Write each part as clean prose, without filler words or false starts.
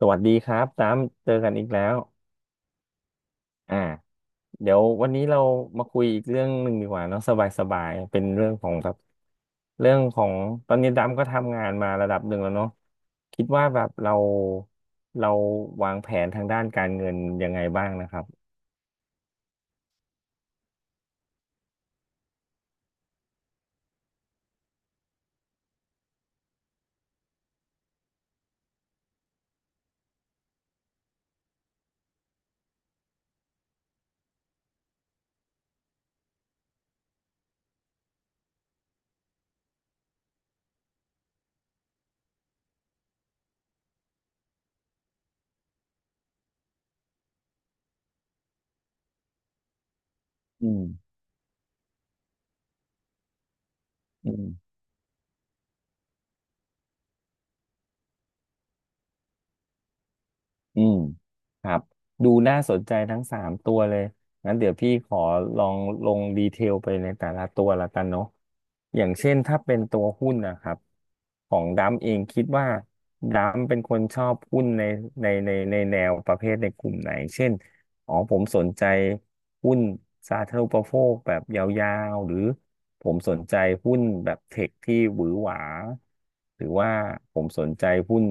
สวัสดีครับตามเจอกันอีกแล้วอ่าเดี๋ยววันนี้เรามาคุยอีกเรื่องหนึ่งดีกว่าเนาะสบายๆเป็นเรื่องของแบบเรื่องของตอนนี้ดำก็ทำงานมาระดับหนึ่งแล้วเนาะคิดว่าแบบเราเราวางแผนทางด้านการเงินยังไงบ้างนะครับอืมอืม อืมครับดูน่าสนใจทั้งสามตัวเลยงั้นเดี๋ยวพี่ขอลองลงดีเทลไปในแต่ละตัวละกันเนาะอย่างเช่นถ้าเป็นตัวหุ้นนะครับของดัมเองคิดว่าดัมเป็นคนชอบหุ้นในในแนวประเภทในกลุ่มไหนเช่นอ๋อผมสนใจหุ้นสาธารณูปโภคแบบยาวๆหรือผมสนใจหุ้นแบบเทคที่หวือหวาหรือว่าผมสนใจหุ้น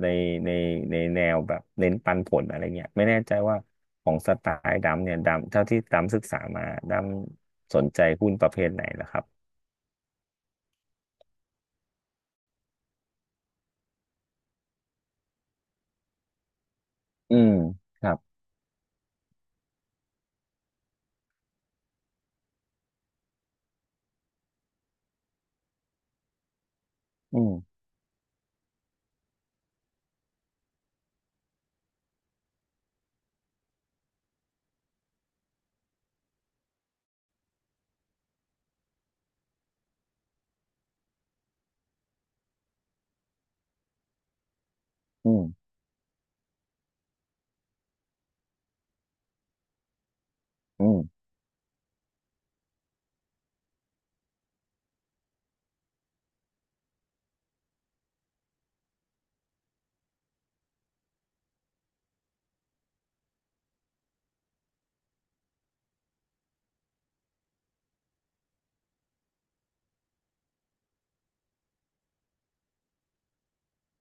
ในในในแนวแบบเน้นปันผลอะไรเงี้ยไม่แน่ใจว่าของสไตล์ดำเนี่ยดำเท่าที่ดำศึกษามาดำสนใจหุ้นประเภทไหนล่ะครับอืมครับอืมอืมอืม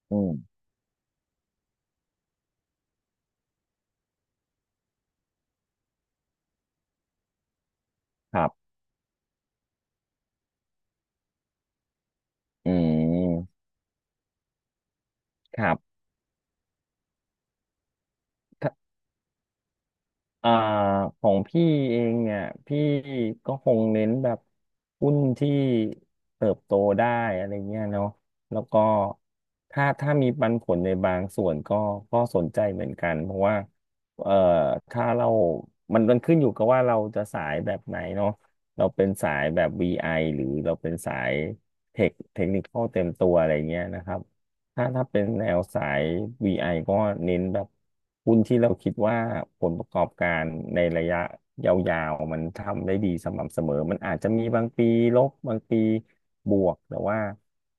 อืมครับอืมครับ อ่าของพี่เองเนี่ยพี่ก็คงเน้นแบบหุ้นที่เติบโตได้อะไรเงี้ยเนาะแล้วก็ถ้าถ้ามีปันผลในบางส่วนก็ก็สนใจเหมือนกันเพราะว่าเอ่อถ้าเรามันขึ้นอยู่กับว่าเราจะสายแบบไหนเนาะเราเป็นสายแบบ VI หรือเราเป็นสายเทคนิคอลเต็มตัวอะไรเงี้ยนะครับ ถ้าเป็นแนวสาย VI ก็เน้นแบบหุ้นที่เราคิดว่าผลประกอบการในระยะยาวๆมันทำได้ดีสม่ำเสมอมันอาจจะมีบางปีลบบางปีบวกแต่ว่า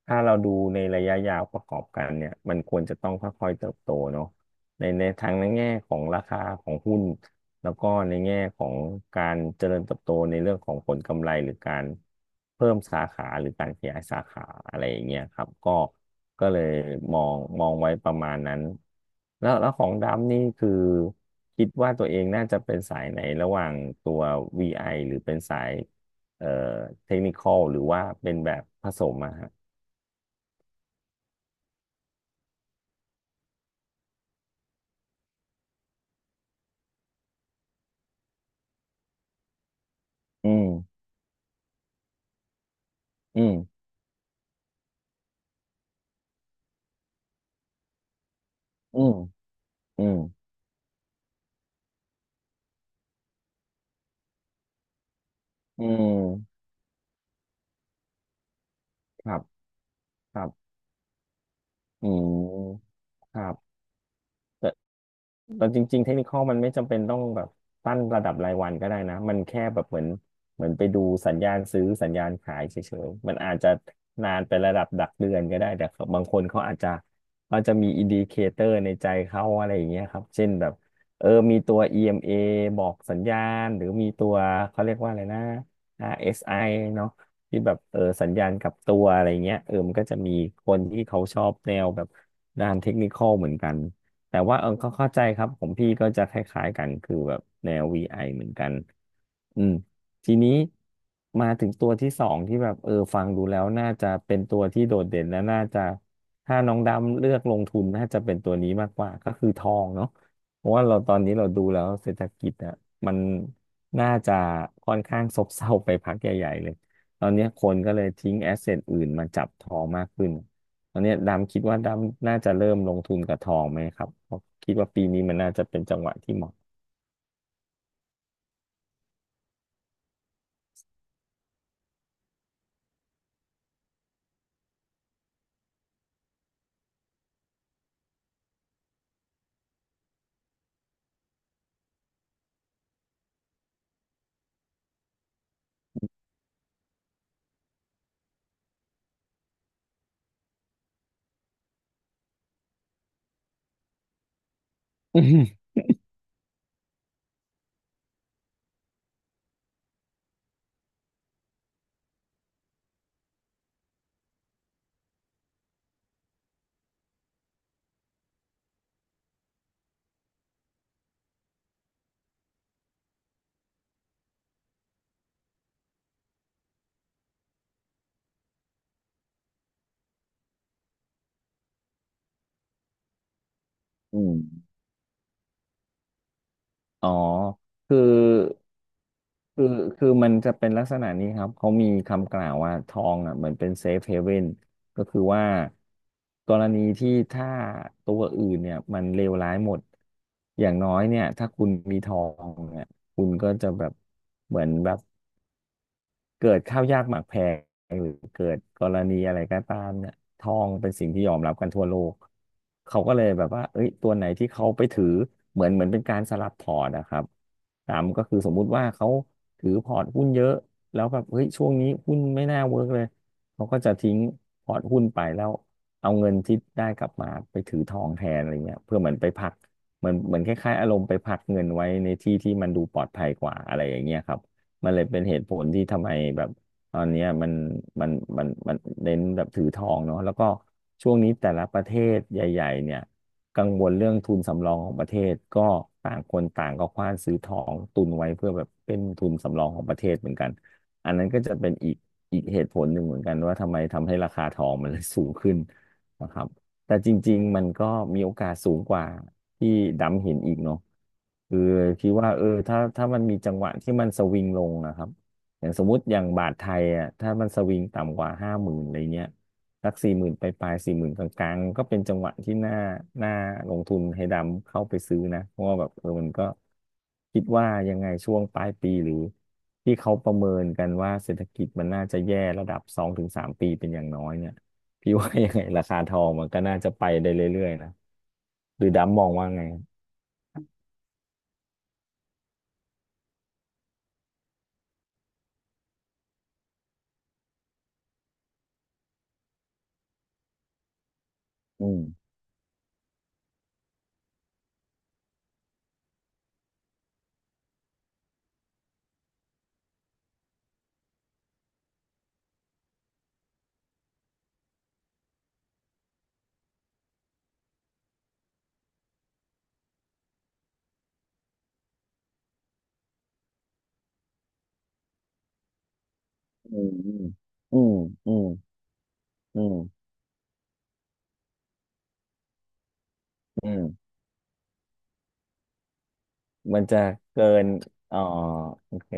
ถ้าเราดูในระยะยาวประกอบกันเนี่ยมันควรจะต้องค่อยๆเติบโตเนาะในทางในแง่ของราคาของหุ้นแล้วก็ในแง่ของการเจริญเติบโตในเรื่องของผลกำไรหรือการเพิ่มสาขาหรือการขยายสาขาอะไรอย่างเงี้ยครับก็ ก็เลยมองไว้ประมาณนั้นแล้วของดำนี่คือคิดว่าตัวเองน่าจะเป็นสายไหนระหว่างตัว VI หรือเป็นสายเอ่อเทคนิคอลหรือว่าเป็นแบบผสมอะฮะอืมอืมอืมอืมอืมครับครับอืมครับ เราจริงๆเทคนิคอลมันไม่จำเป็นต้องแบบตั้งระดับรายวันก็ได้นะ มันแค่แบบเหมือนไปดูสัญญาณซื้อสัญญาณขายเฉยๆมันอาจจะนานไประดับดักเดือนก็ได้แต่บางคนเขาอาจจะเขาจะมีอินดิเคเตอร์ในใจเขาอะไรอย่างเงี้ยครับเช่นแบบเออมีตัว EMA บอกสัญญาณหรือมีตัวเขาเรียกว่าอะไรนะ RSI เอสไอเนาะที่แบบเออสัญญาณกลับตัวอะไรเงี้ยเออมันก็จะมีคนที่เขาชอบแนวแบบด้านเทคนิคอลเหมือนกัน แต่ว่าเออเขาเข้าใจครับของพี่ก็จะคล้ายๆกันคือแบบแนว VI เหมือนกันอืมทีนี้มาถึงตัวที่สองที่แบบเออฟังดูแล้วน่าจะเป็นตัวที่โดดเด่นและน่าจะถ้าน้องดำเลือกลงทุนน่าจะเป็นตัวนี้มากกว่าก็คือทองเนาะเพราะว่าเราตอนนี้เราดูแล้วเศรษฐกิจอะมันน่าจะค่อนข้างซบเซาไปพักใหญ่ๆเลยตอนนี้คนก็เลยทิ้งแอสเซทอื่นมาจับทองมากขึ้น ตอนเนี้ยดำคิดว่าดำน่าจะเริ่มลงทุนกับทองไหมครับเพราะคิดว่าปีนี้มันน่าจะเป็นจังหวะที่เหมาะอืมอมอ๋อคือ คือ คือมันจะเป็นลักษณะนี้ครับเขามีคำกล่าวว่าทองอ่ะเหมือนเป็นเซฟเฮเว่นก็คือว่ากรณีที่ถ้าตัวอื่นเนี่ยมันเลวร้ายหมดอย่างน้อยเนี่ยถ้าคุณมีทองเนี่ยคุณก็จะแบบเหมือนแบบ เกิดข้าวยากหมากแพงหรือเกิดกรณีอะไรก็ตามเนี่ยทองเป็นสิ่งที่ยอมรับกันทั่วโลกเขาก็เลยแบบว่าเอ้ยตัวไหนที่เขาไปถือเหมือนเป็นการสลับพอร์ตนะครับตามก็คือสมมุติว่าเขาถือพอร์ตหุ้นเยอะแล้วแบบเฮ้ยช่วงนี้หุ้นไม่น่าเวิร์กเลยเขาก็จะทิ้งพอร์ตหุ้นไปแล้วเอาเงินที่ได้กลับมาไปถือทองแทนอะไรเงี้ยเพื่อเหมือนไปพักเหมือนคล้ายๆอารมณ์ไปพักเงินไว้ในที่ที่มันดูปลอดภัยกว่าอะไรอย่างเงี้ยครับ มันเลยเป็นเหตุผลที่ทำไมแบบตอนเนี้ยมันมันเน้นแบบถือทองเนาะแล้วก็ช่วงนี้แต่ละประเทศใหญ่ๆเนี่ยกังวลเรื่องทุนสำรองของประเทศก็ต่างคนต่างก็คว้านซื้อทองตุนไว้เพื่อแบบเป็นทุนสำรองของประเทศเหมือนกันอันนั้นก็จะเป็นอีกเหตุผลหนึ่งเหมือนกันว่าทำไมทำให้ราคาทองมันเลยสูงขึ้นนะครับแต่จริงๆมันก็มีโอกาสสูงกว่า ที่ดำเห็นอีกเนาะคือคิดว่าเออถ้ามันมีจังหวะที่มันสวิงลงนะครับอย่างสมมติอย่างบาทไทยอ่ะถ้ามันสวิงต่ำกว่าห้าหมื่นอะไรเงี้ยสักสี่หมื่นไปปลายสี่หมื่นกลางๆก็เป็นจังหวะที่น่าลงทุนให้ดำเข้าไปซื้อนะเพราะว่าแบบเออมันก็คิดว่ายังไงช่วงปลายปีหรือที่เขาประเมินกันว่าเศรษฐกิจมันน่าจะแย่ระดับสองถึงสามปีเป็นอย่างน้อยเนี่ยพี่ว่ายังไงราคาทองมันก็น่าจะไปได้เรื่อยๆนะ หรือดำมองว่าไงอืมอืมอืมอืมอืมอืมมันจะเกินอ๋อโอเค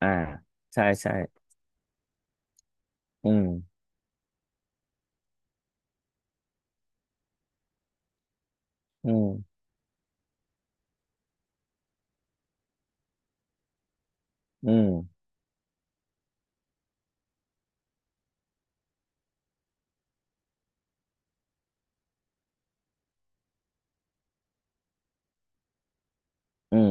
อ่าใช่ใช่อืมอืมอืมอืม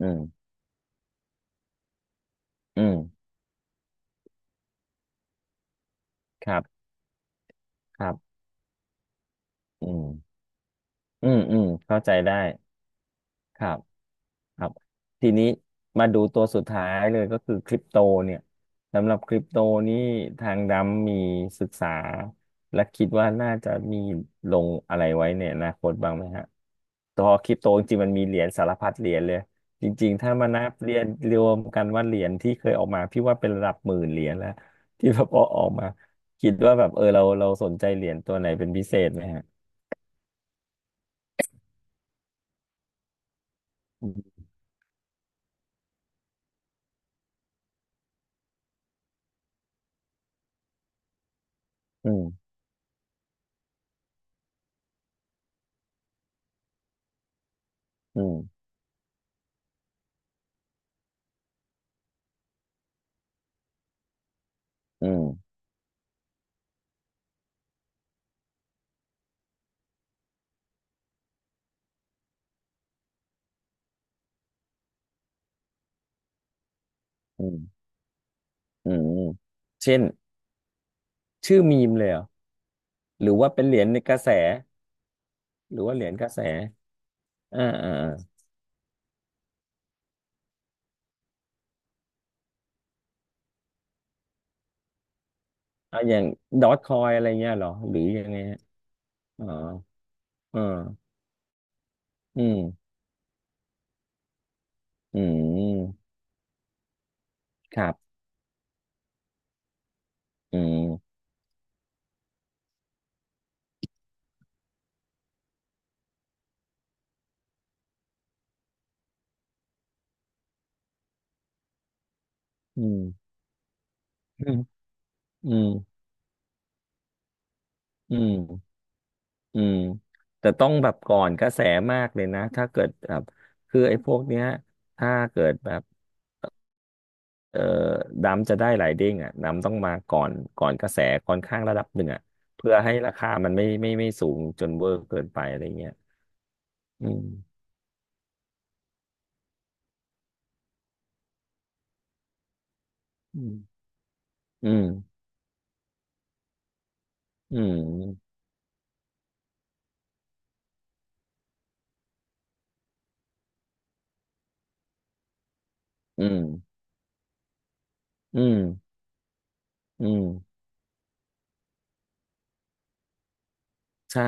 อืมอืมครับครับอืมอืมเข้าใจได้ครับ ครับทีนี้มาดูตัวสุดท้ายเลยก็คือคริปโตเนี่ยสำหรับคริปโตนี่ทางดำมีศึกษาและคิดว่าน่าจะมีลงอะไรไว้ในอนาคตบ้างไหมฮะตัวคริปโตจริงๆมันมีเหรียญสารพัดเหรียญเลยจริงๆถ้ามานับเหรียญรวมกันว่าเหรียญที่เคยออกมาพี่ว่าเป็นระดับหมื่นเหรียญแล้วที่แบบอออกมาคิดว่าแบบเออเราสนใจเหรียญตัวไหนเป็นพิเศษไหมฮะอืมอืมอืมอืมอืมอืมเช่น ชื่อมีมเลยเหรอหรือว่าเป็นเหรียญในกระแสหรือว่าเหรียญกระแสอ่าเอ่าอย่างดอ g คอยอะไรเงี้ยเหรอหรือยังไงฮะอ๋อเอออืมอืมครับอืมอืมอืมอืมอืมอืมแต่ต้องแบบก่อนกระแสมากเลยนะถ้าเกิดแบบคือไอ้พวกเนี้ยถ้าเกิดแบบเอ่อดำจะได้หลายเด้งอ่ะดำต้องมาก่อนก่อนกระแสค่อนข้างระดับหนึ่งอ่ะเพื่อให้ราคามันไม่สูงจนเวอร์เกินไปอะไรเงี้ย อืมอืมอืมอืมอืมอืมใช่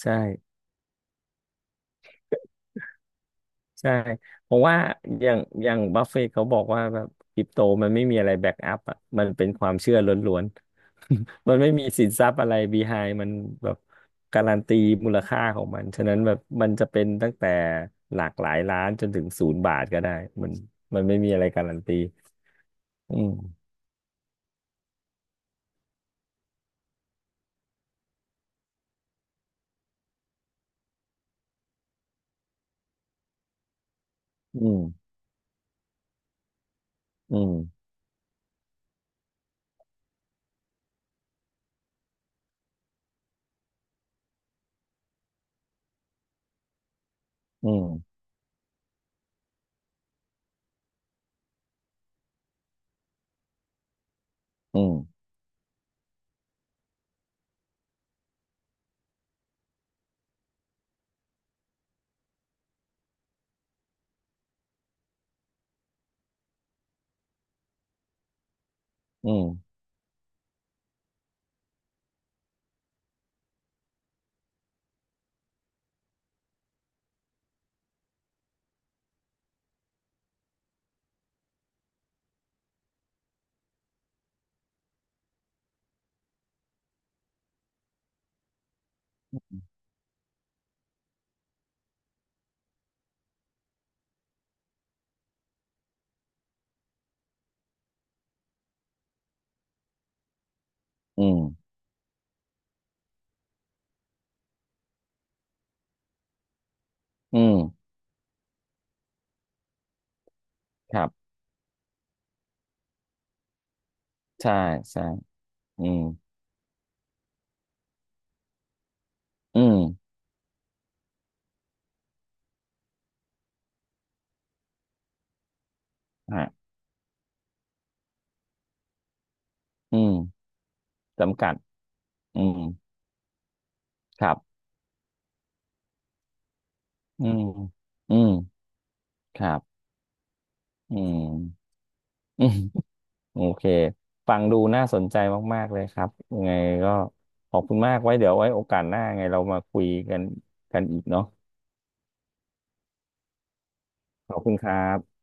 ใช่ใช่เพราะว่าอย่างอย่างบัฟเฟตเขาบอกว่าแบบคริปโตมันไม่มีอะไรแบ็กอัพอ่ะมันเป็นความเชื่อล้วนๆ มันไม่มีสินทรัพย์อะไรบีไฮมันแบบการันตีมูลค่าของมันฉะนั้นแบบมันจะเป็นตั้งแต่หลากหลายล้านจนถึงศูนย์บาทก็ได้มันมันไม่มีอะไรการันตีอืมอืมอืมอืมอืมอืมอืมอืม ครับใช่ใช่อืมอืมฮะอืมจำกัดอืมครับอืมอืมครับอืมอืม โอเคฟังดูน่าสนใจมากๆเลยครับยังไงก็ขอบคุณมากไว้เดี๋ยวไว้โอกาสหน้าไงเรามาคุยกันกันอีกเนาะขอบคุณครับ